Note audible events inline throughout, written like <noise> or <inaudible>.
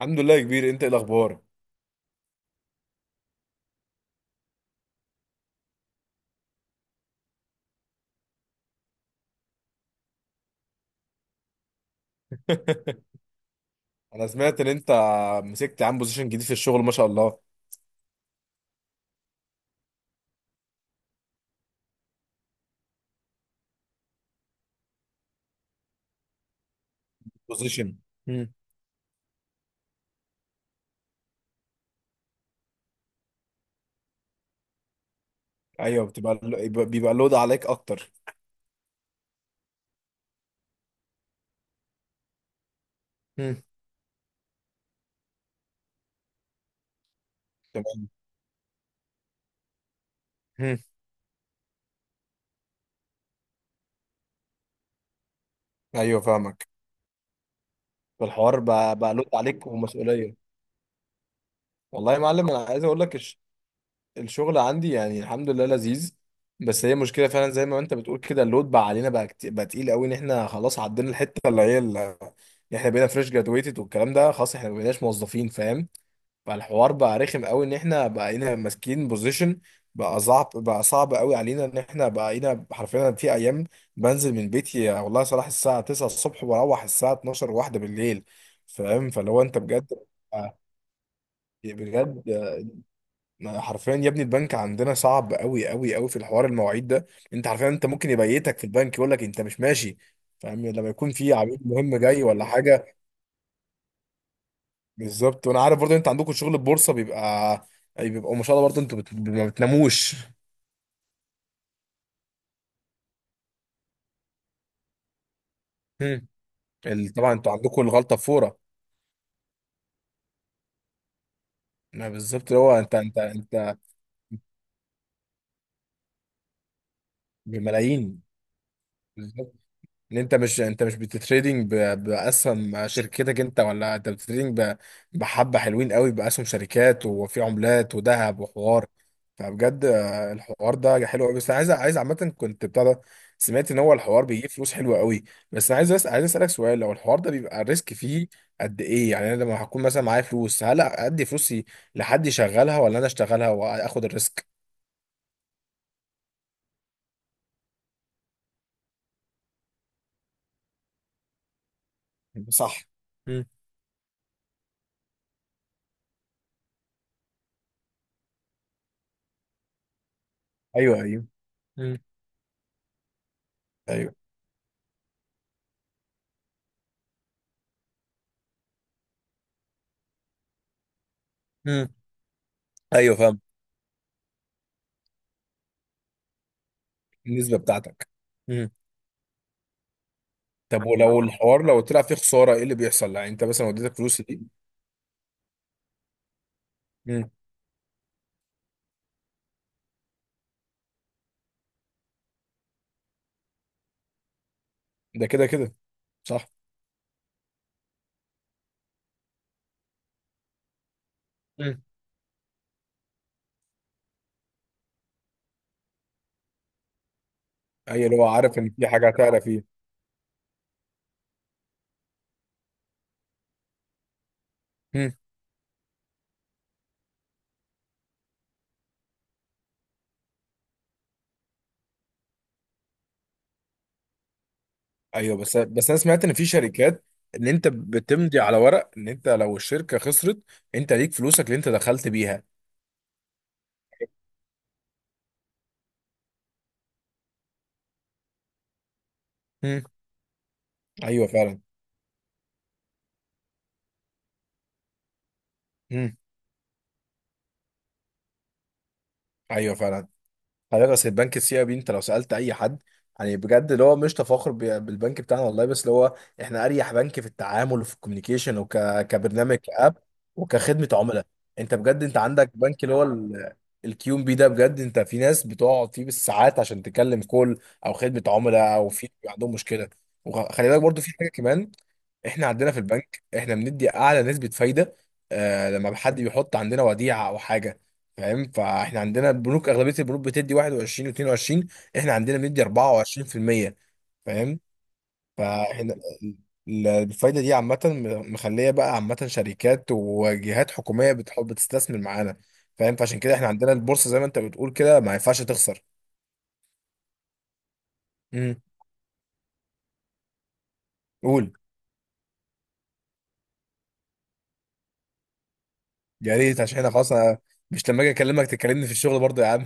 الحمد لله يا كبير، انت ايه الاخبار؟ انا سمعت ان انت مسكت عن بوزيشن جديد في الشغل، ما شاء الله. بوزيشن. مم. ايوه، بيبقى لود عليك اكتر. مم. تمام. مم. ايوه، فاهمك. فالحوار بقى لود عليك ومسؤوليه. والله يا معلم، انا عايز اقول لك الشغل عندي يعني الحمد لله لذيذ. بس هي مشكله فعلا زي ما انت بتقول كده، اللود بقى علينا بقى تقيل قوي ان احنا خلاص عدينا الحته اللي هي احنا بقينا فريش جرادويتد والكلام ده، خلاص احنا ما بقيناش موظفين، فاهم. فالحوار بقى رخم قوي ان احنا بقينا ماسكين بوزيشن، بقى صعب، بقى صعب قوي علينا ان احنا بقينا حرفيا، أنا في ايام بنزل من بيتي يا والله صلاح الساعه 9 الصبح واروح الساعه 12 واحدة بالليل، فاهم. فلو انت بجد، آه، بجد حرفيا يا ابني البنك عندنا صعب قوي قوي قوي في الحوار المواعيد ده. انت حرفيا انت ممكن يبيتك في البنك يقول لك انت مش ماشي، فاهم، لما يكون في عميل مهم جاي ولا حاجه. بالظبط، وانا عارف برضو انت عندكم شغل البورصه بيبقى ما شاء الله، برضو انتوا ما بتناموش. هم. طبعا انتوا عندكم الغلطه بفوره. ما بالظبط، هو انت بملايين، ان انت مش بتتريدنج باسهم شركتك انت، ولا انت بتتريدنج بحبه حلوين قوي باسهم شركات وفي عملات وذهب وحوار. فبجد، الحوار ده حلو قوي. بس انا عايز عامه كنت بتاع ده. سمعت ان هو الحوار بيجيب فلوس حلوه قوي. بس انا عايز اسالك سؤال، لو الحوار ده بيبقى الريسك فيه قد ايه؟ يعني انا لما هكون مثلا معايا فلوس، هل ادي فلوسي لحد يشغلها ولا انا اشتغلها واخد الريسك؟ صح. مم. ايوه، ايوه. مم. ايوه. مم. ايوه، النسبه بتاعتك. مم. طب ولو الحوار لو طلع فيه خساره، ايه اللي بيحصل؟ يعني انت مثلا وديتك فلوس دي. مم. ده كده كده، صح. مم. اي، اللي هو عارف ان في حاجه هتعلى فيه. مم. ايوه، بس انا سمعت ان في شركات ان انت بتمضي على ورق ان انت لو الشركه خسرت، انت ليك فلوسك اللي انت دخلت بيها. مم. ايوه، فعلا. مم. ايوه، فعلا. حضرتك اصل البنك السي اي بي، انت لو سالت اي حد، يعني بجد اللي هو مش تفاخر بالبنك بتاعنا والله، بس اللي هو احنا اريح بنك في التعامل وفي الكوميونيكيشن كبرنامج كاب وكخدمه عملاء. انت بجد انت عندك بنك اللي هو الكيو ام بي، ده بجد، انت في ناس بتقعد فيه بالساعات عشان تكلم كول او خدمه عملاء او في عندهم مشكله. وخلي بالك برضو في حاجه كمان، احنا عندنا في البنك احنا بندي اعلى نسبه فايده. آه، لما حد بيحط عندنا وديعه او حاجه، فاهم، فاحنا عندنا البنوك، اغلبيه البنوك بتدي 21 و22، احنا عندنا بندي 24%، فاهم. فاحنا الفايده دي عامه، مخليه بقى عامه شركات وجهات حكوميه بتحب تستثمر معانا، فاهم، فعشان كده احنا عندنا البورصه زي ما انت بتقول كده، ما ينفعش تخسر. امم قول. يا ريت، عشان احنا خلاص، أنا مش لما اجي اكلمك تكلمني في الشغل برضه يا عم.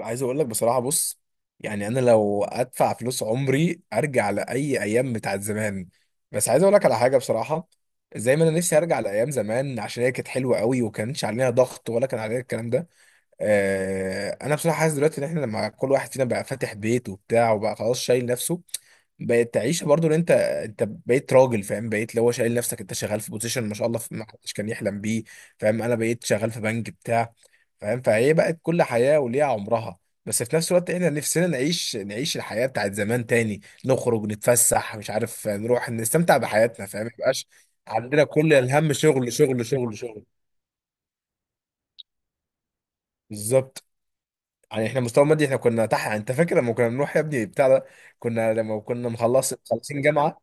عايز اقول لك بصراحه، بص، يعني انا لو ادفع فلوس عمري ارجع لاي ايام بتاعت زمان. بس عايز اقول لك على حاجه بصراحه. زي ما انا نفسي ارجع لايام زمان، عشان هي كانت حلوه قوي وكانش عليها ضغط ولا كان عليها الكلام ده. انا بصراحه حاسس دلوقتي ان احنا لما كل واحد فينا بقى فاتح بيت وبتاع وبقى خلاص شايل نفسه، بقت تعيشه برضو، ان انت بقيت راجل، فاهم، بقيت اللي هو شايل نفسك، انت شغال في بوزيشن ما شاء الله ما حدش كان يحلم بيه. فاهم، انا بقيت شغال في بنك بتاع، فاهم، فهي بقت كل حياه وليها عمرها. بس في نفس الوقت احنا نفسنا نعيش نعيش الحياه بتاعت زمان تاني، نخرج نتفسح مش عارف، نروح نستمتع بحياتنا، فاهم، ما يبقاش عندنا كل الهم شغل شغل شغل شغل. بالظبط. يعني احنا مستوى مادي، احنا كنا تحت، يعني انت فاكر لما كنا بنروح يا ابني بتاع ده؟ كنا لما كنا مخلصين جامعه.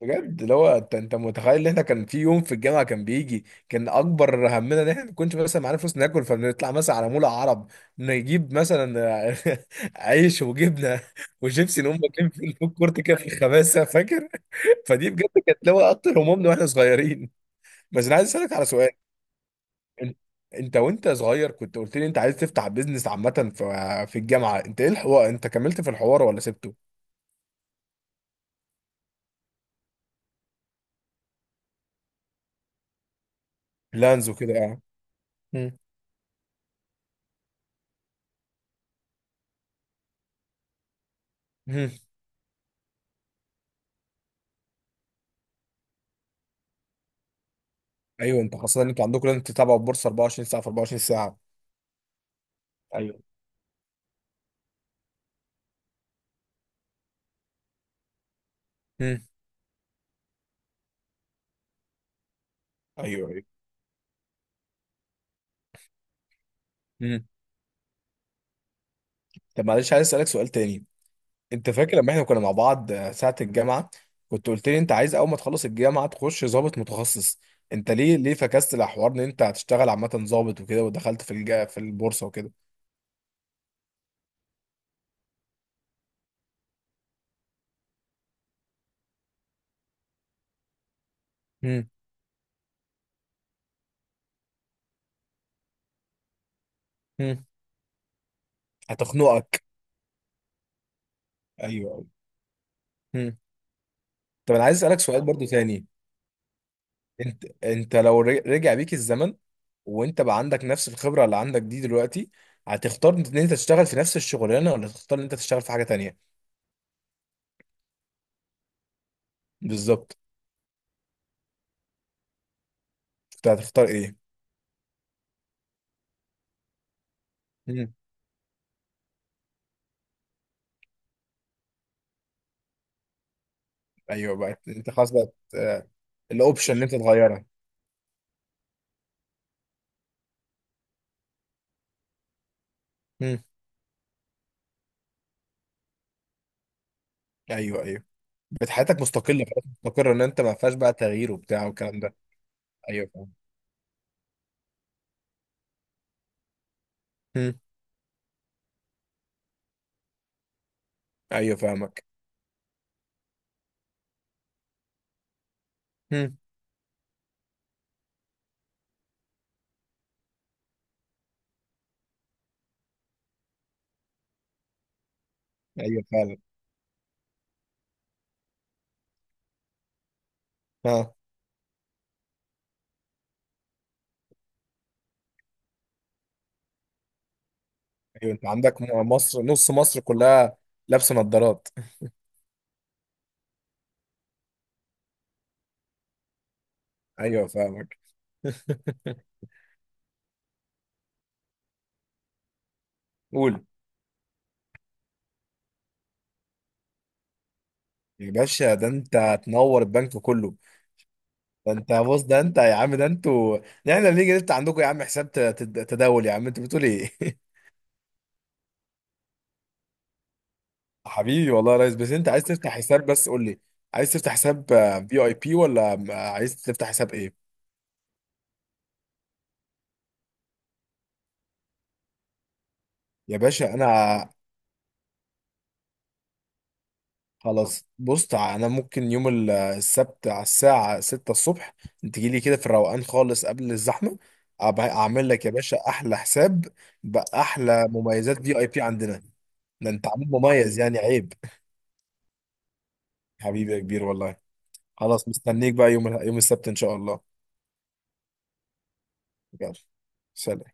بجد، اللي هو انت متخيل ان احنا كان في يوم في الجامعه كان اكبر همنا ان احنا ما كناش مثلا معانا فلوس ناكل، فبنطلع مثلا على مول عرب، نجيب مثلا <laughs> عيش وجبنه وشيبسي، نقوم واكلين في الفود كورت كده في الخباثه، فاكر؟ <laughs> فدي بجد كانت اللي هو اكتر همومنا واحنا صغيرين. بس انا عايز اسالك على سؤال. إن- انت وانت صغير كنت قلت لي انت عايز تفتح بيزنس عامة في الجامعة، انت ايه الحوار، انت كملت في الحوار ولا سبته؟ لانز وكده، يعني. مم. مم. ايوه، انت خاصة ان انتوا عندكم لازم تتابعوا البورصة 24 ساعة في 24 ساعة. ايوه. مم. ايوه، ايوه. مم. طب معلش، عايز اسألك سؤال تاني. انت فاكر لما احنا كنا مع بعض ساعة الجامعة، كنت قلت لي انت عايز اول ما تخلص الجامعة تخش ضابط متخصص. انت ليه فكست الحوار ان انت هتشتغل عامة ضابط وكده ودخلت في البورصة وكده؟ مم. مم. هتخنقك. ايوه، ايوه. مم. طب انا عايز اسالك سؤال برضو تاني. انت لو رجع بيك الزمن، وانت بقى عندك نفس الخبره اللي عندك دي دلوقتي، هتختار ان انت تشتغل في نفس الشغلانه، ولا تختار ان انت تشتغل في حاجه تانية؟ بالظبط. انت هتختار ايه؟ مم. ايوه بقى، انت خلاص بقى، الاوبشن ان انت تغيرها. مم. ايوه، ايوه. بقت حياتك مستقله خلاص، مستقره، ان انت ما فيهاش بقى تغيير وبتاع والكلام ده. ايوه، فاهم. مم. ايوه، فاهمك. مم. ايوه، فعلا. ايوه، انت عندك مصر، نص مصر كلها لابسه نظارات. <laughs> ايوه، فاهمك. <laughs> قول. يا باشا، ده انت تنور البنك كله. ده انت بص، ده انت يا عم، ده انتوا، ده احنا بنيجي نفتح عندكم يا عم، حساب تداول، يا عم انت بتقول ايه؟ <laughs> حبيبي والله يا ريس، بس انت عايز تفتح حساب، بس قول لي، عايز تفتح حساب في اي بي، ولا عايز تفتح حساب ايه؟ يا باشا انا خلاص، بص، انا ممكن يوم السبت على الساعة 6 الصبح، تجي لي كده في الروقان خالص قبل الزحمة، اعمل لك يا باشا احلى حساب باحلى مميزات في اي بي عندنا. ده انت عميل مميز، يعني عيب. <laughs> حبيبي يا كبير والله. خلاص، مستنيك بقى يوم السبت ان شاء الله. يلا. سلام.